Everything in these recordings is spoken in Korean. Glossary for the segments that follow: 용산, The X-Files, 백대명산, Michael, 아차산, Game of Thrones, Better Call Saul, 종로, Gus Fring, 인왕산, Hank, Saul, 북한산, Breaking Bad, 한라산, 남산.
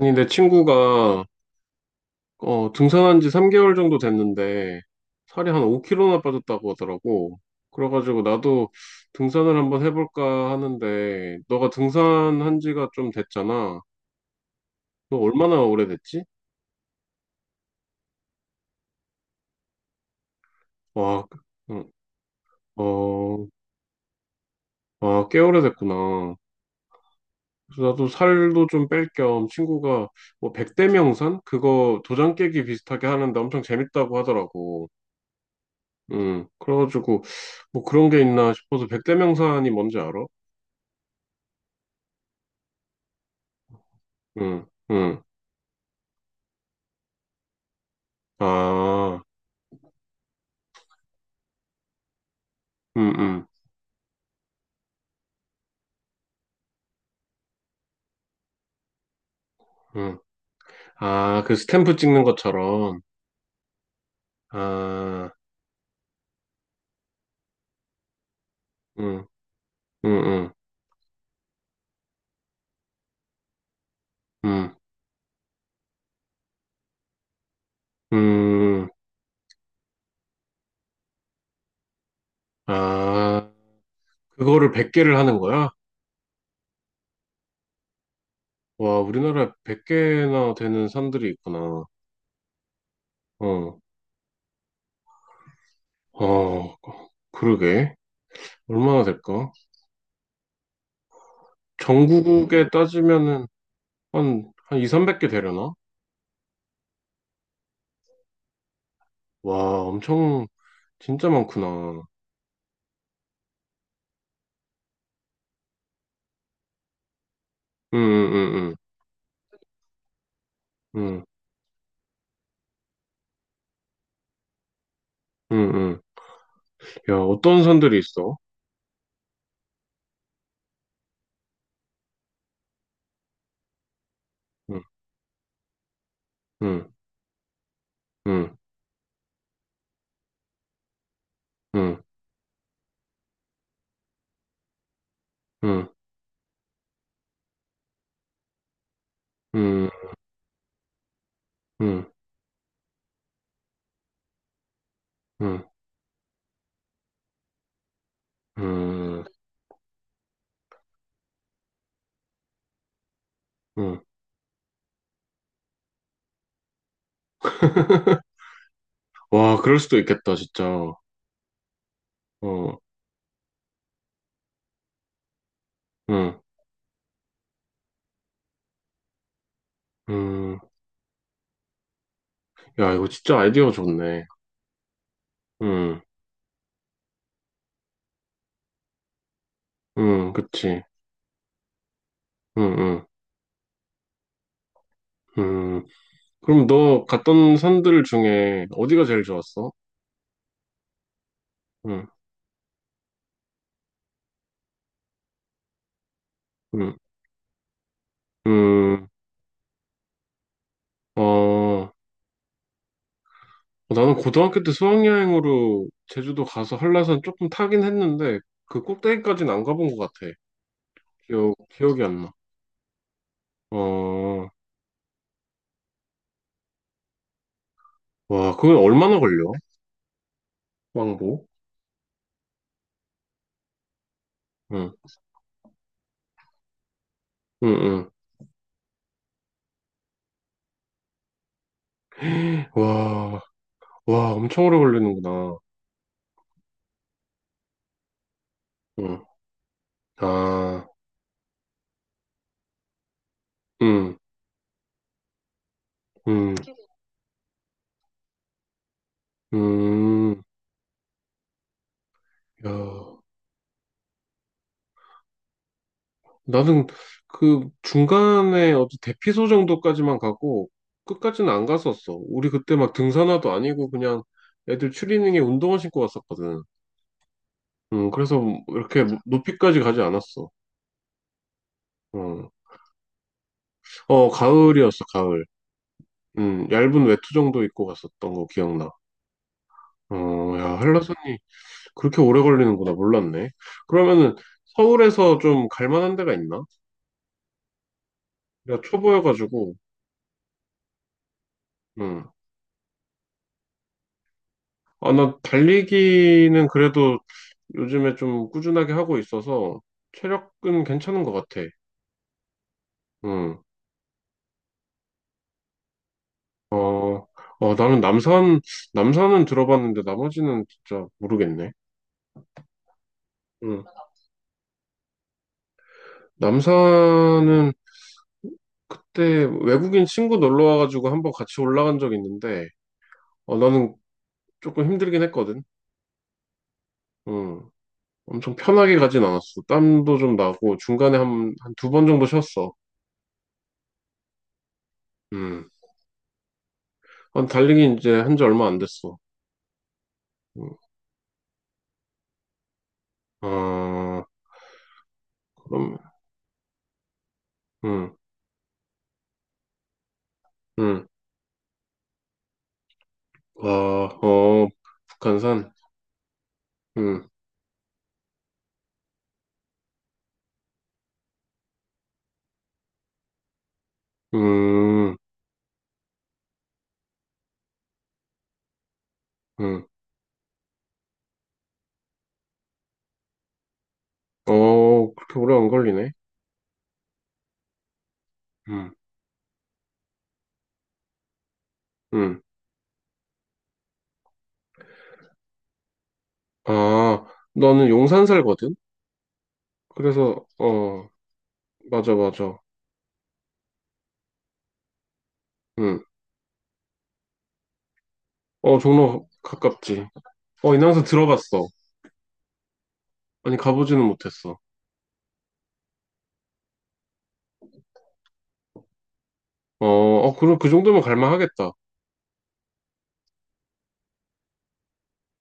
아니, 내 친구가 등산한 지 3개월 정도 됐는데 살이 한 5kg나 빠졌다고 하더라고. 그래가지고 나도 등산을 한번 해볼까 하는데 너가 등산한 지가 좀 됐잖아. 너 얼마나 오래됐지? 와, 응, 어, 어, 아, 꽤 오래됐구나. 그래서 나도 살도 좀 뺄 겸 친구가 뭐 백대명산? 그거 도장 깨기 비슷하게 하는데 엄청 재밌다고 하더라고. 음. 그래가지고 뭐 그런 게 있나 싶어서 백대명산이 뭔지 알아? 응, 응. 아, 응, 응, 응. 아, 그 스탬프 찍는 것처럼. 아, 응, 응, 응, 응, 응. 아, 그거를 100개를 하는 거야? 와, 우리나라에 100개나 되는 산들이 있구나. 어, 어, 그러게. 얼마나 될까? 전국에 따지면은 한 2, 300개 되려나? 와, 엄청, 진짜 많구나. 응, 응, 응, 응, 응, 응. 응. 야, 어떤 산들이 있어? 응. 음, 음, 음, 음, 음, 음, 음, 음, 음. 와, 그럴 수도 있겠다, 진짜. 어, 음, 음. 야, 이거 진짜 아이디어 좋네. 음, 그치. 음, 음, 음. 그럼 너 갔던 산들 중에 어디가 제일 좋았어? 음, 음, 음. 어, 나는 고등학교 때 수학여행으로 제주도 가서 한라산 조금 타긴 했는데, 그 꼭대기까지는 안 가본 것 같아. 기억이 안 나. 어, 와, 그건 얼마나 걸려? 왕복? 응, 응, 응. 와, 와, 엄청 오래 걸리는구나. 응, 아, 응, 응, 응. 야, 나는 그 중간에 어디 대피소 정도까지만 가고 끝까지는 안 갔었어. 우리 그때 막 등산화도 아니고 그냥 애들 추리닝에 운동화 신고 갔었거든. 응, 그래서 이렇게 높이까지 가지 않았어. 응. 어, 가을이었어, 가을. 응, 얇은 외투 정도 입고 갔었던 거 기억나. 어, 야, 한라산이 그렇게 오래 걸리는구나. 몰랐네. 그러면은 서울에서 좀 갈만한 데가 있나? 내가 초보여가지고, 응. 아, 나 달리기는 그래도 요즘에 좀 꾸준하게 하고 있어서 체력은 괜찮은 것 같아. 응. 어, 어, 나는 남산, 남산은 들어봤는데 나머지는 진짜 모르겠네. 응. 남산은 그때 외국인 친구 놀러 와가지고 한번 같이 올라간 적이 있는데, 어, 나는 조금 힘들긴 했거든. 응. 엄청 편하게 가진 않았어. 땀도 좀 나고 중간에 한 두 번 정도 쉬었어. 음. 한 달리기 이제 한지 얼마 안 됐어. 음. 아, 그럼, 음, 음. 아, 어, 북한산? 음, 음, 음. 어, 그렇게 오래 안 걸리네. 음, 음. 아, 너는 용산 살거든? 그래서, 어, 맞아, 맞아. 음. 어, 종로 가깝지. 어, 인왕산 들어봤어. 아니, 가보지는 못했어. 어, 어, 그럼 그 정도면 갈만하겠다.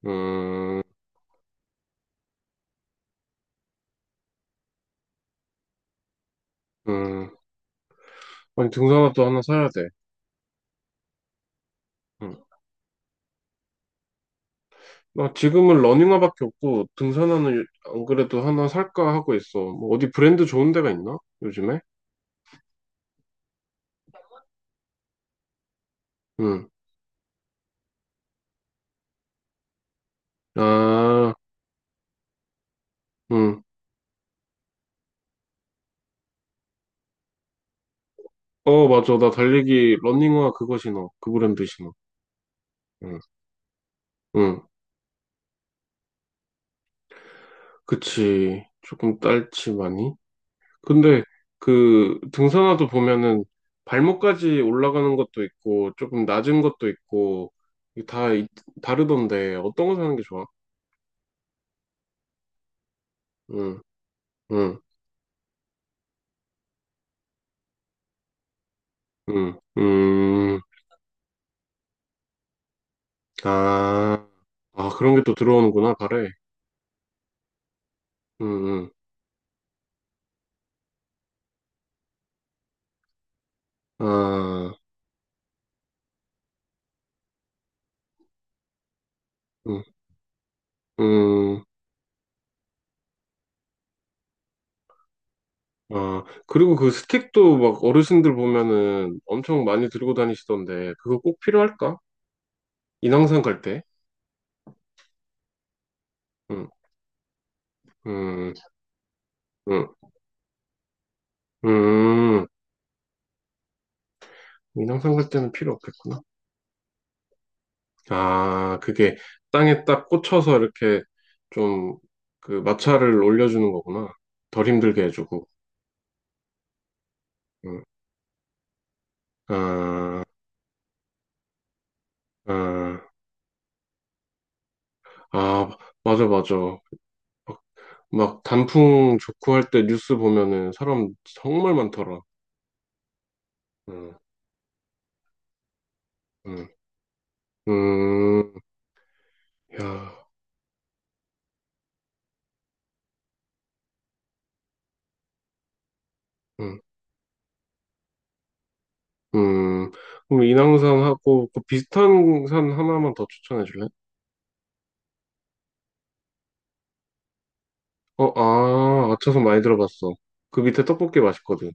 음, 음. 아니, 등산화도 하나 사야 돼. 응. 나 지금은 러닝화밖에 없고, 등산화는 안 그래도 하나 살까 하고 있어. 뭐 어디 브랜드 좋은 데가 있나? 요즘에? 응. 아, 응. 어, 맞아. 나 달리기 러닝화 그거 신어. 그 브랜드 신어. 응, 응. 그치. 조금 딸치 많이. 근데 그 등산화도 보면은 발목까지 올라가는 것도 있고, 조금 낮은 것도 있고, 이게 다 다르던데, 어떤 거 사는 게 좋아? 응. 응, 응, 아, 아, 그런 게 또 들어오는구나, 발에. 응, 응, 아, 응, 응, 아, 그리고 그 스틱도 막 어르신들 보면은 엄청 많이 들고 다니시던데, 그거 꼭 필요할까? 인왕산 갈 때? 응, 응, 응, 응, 인왕산 갈 때는 필요 없겠구나. 아, 그게 땅에 딱 꽂혀서 이렇게 좀 그 마찰을 올려주는 거구나. 덜 힘들게 해주고. 응, 아, 아. 아, 맞아, 맞아. 막, 막 단풍 좋고 할 때 뉴스 보면은 사람 정말 많더라. 응, 응, 음, 야, 응, 음. 그럼 인왕산하고 그 비슷한 산 하나만 더 추천해 줄래? 어, 아, 아차산 많이 들어봤어. 그 밑에 떡볶이 맛있거든.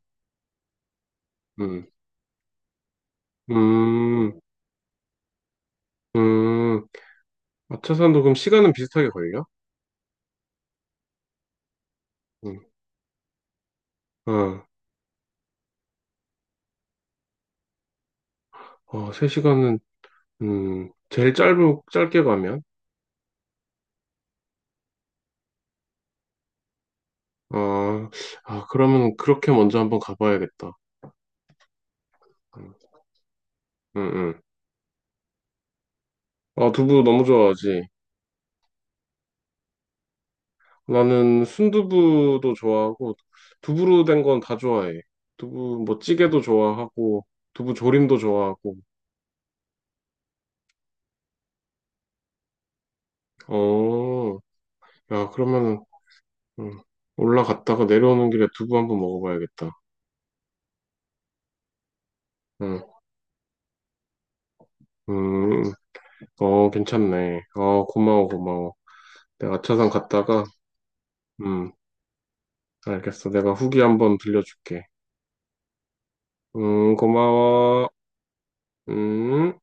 응, 음, 음. 아차산도 그럼 시간은 비슷하게 걸려? 응, 어, 어, 3시간은, 제일 짧은, 짧게 가면? 아, 아, 그러면 그렇게 먼저 한번 가봐야겠다. 응, 응. 응. 아, 두부 너무 좋아하지. 나는 순두부도 좋아하고, 두부로 된 건 다 좋아해. 두부, 뭐, 찌개도 좋아하고, 두부 조림도 좋아하고. 어, 야, 그러면은, 음, 올라갔다가 내려오는 길에 두부 한번 먹어봐야겠다. 응, 음, 어, 괜찮네. 어, 고마워, 고마워. 내가 아차산 갔다가, 음, 알겠어. 내가 후기 한번 들려줄게. 고마워. 음.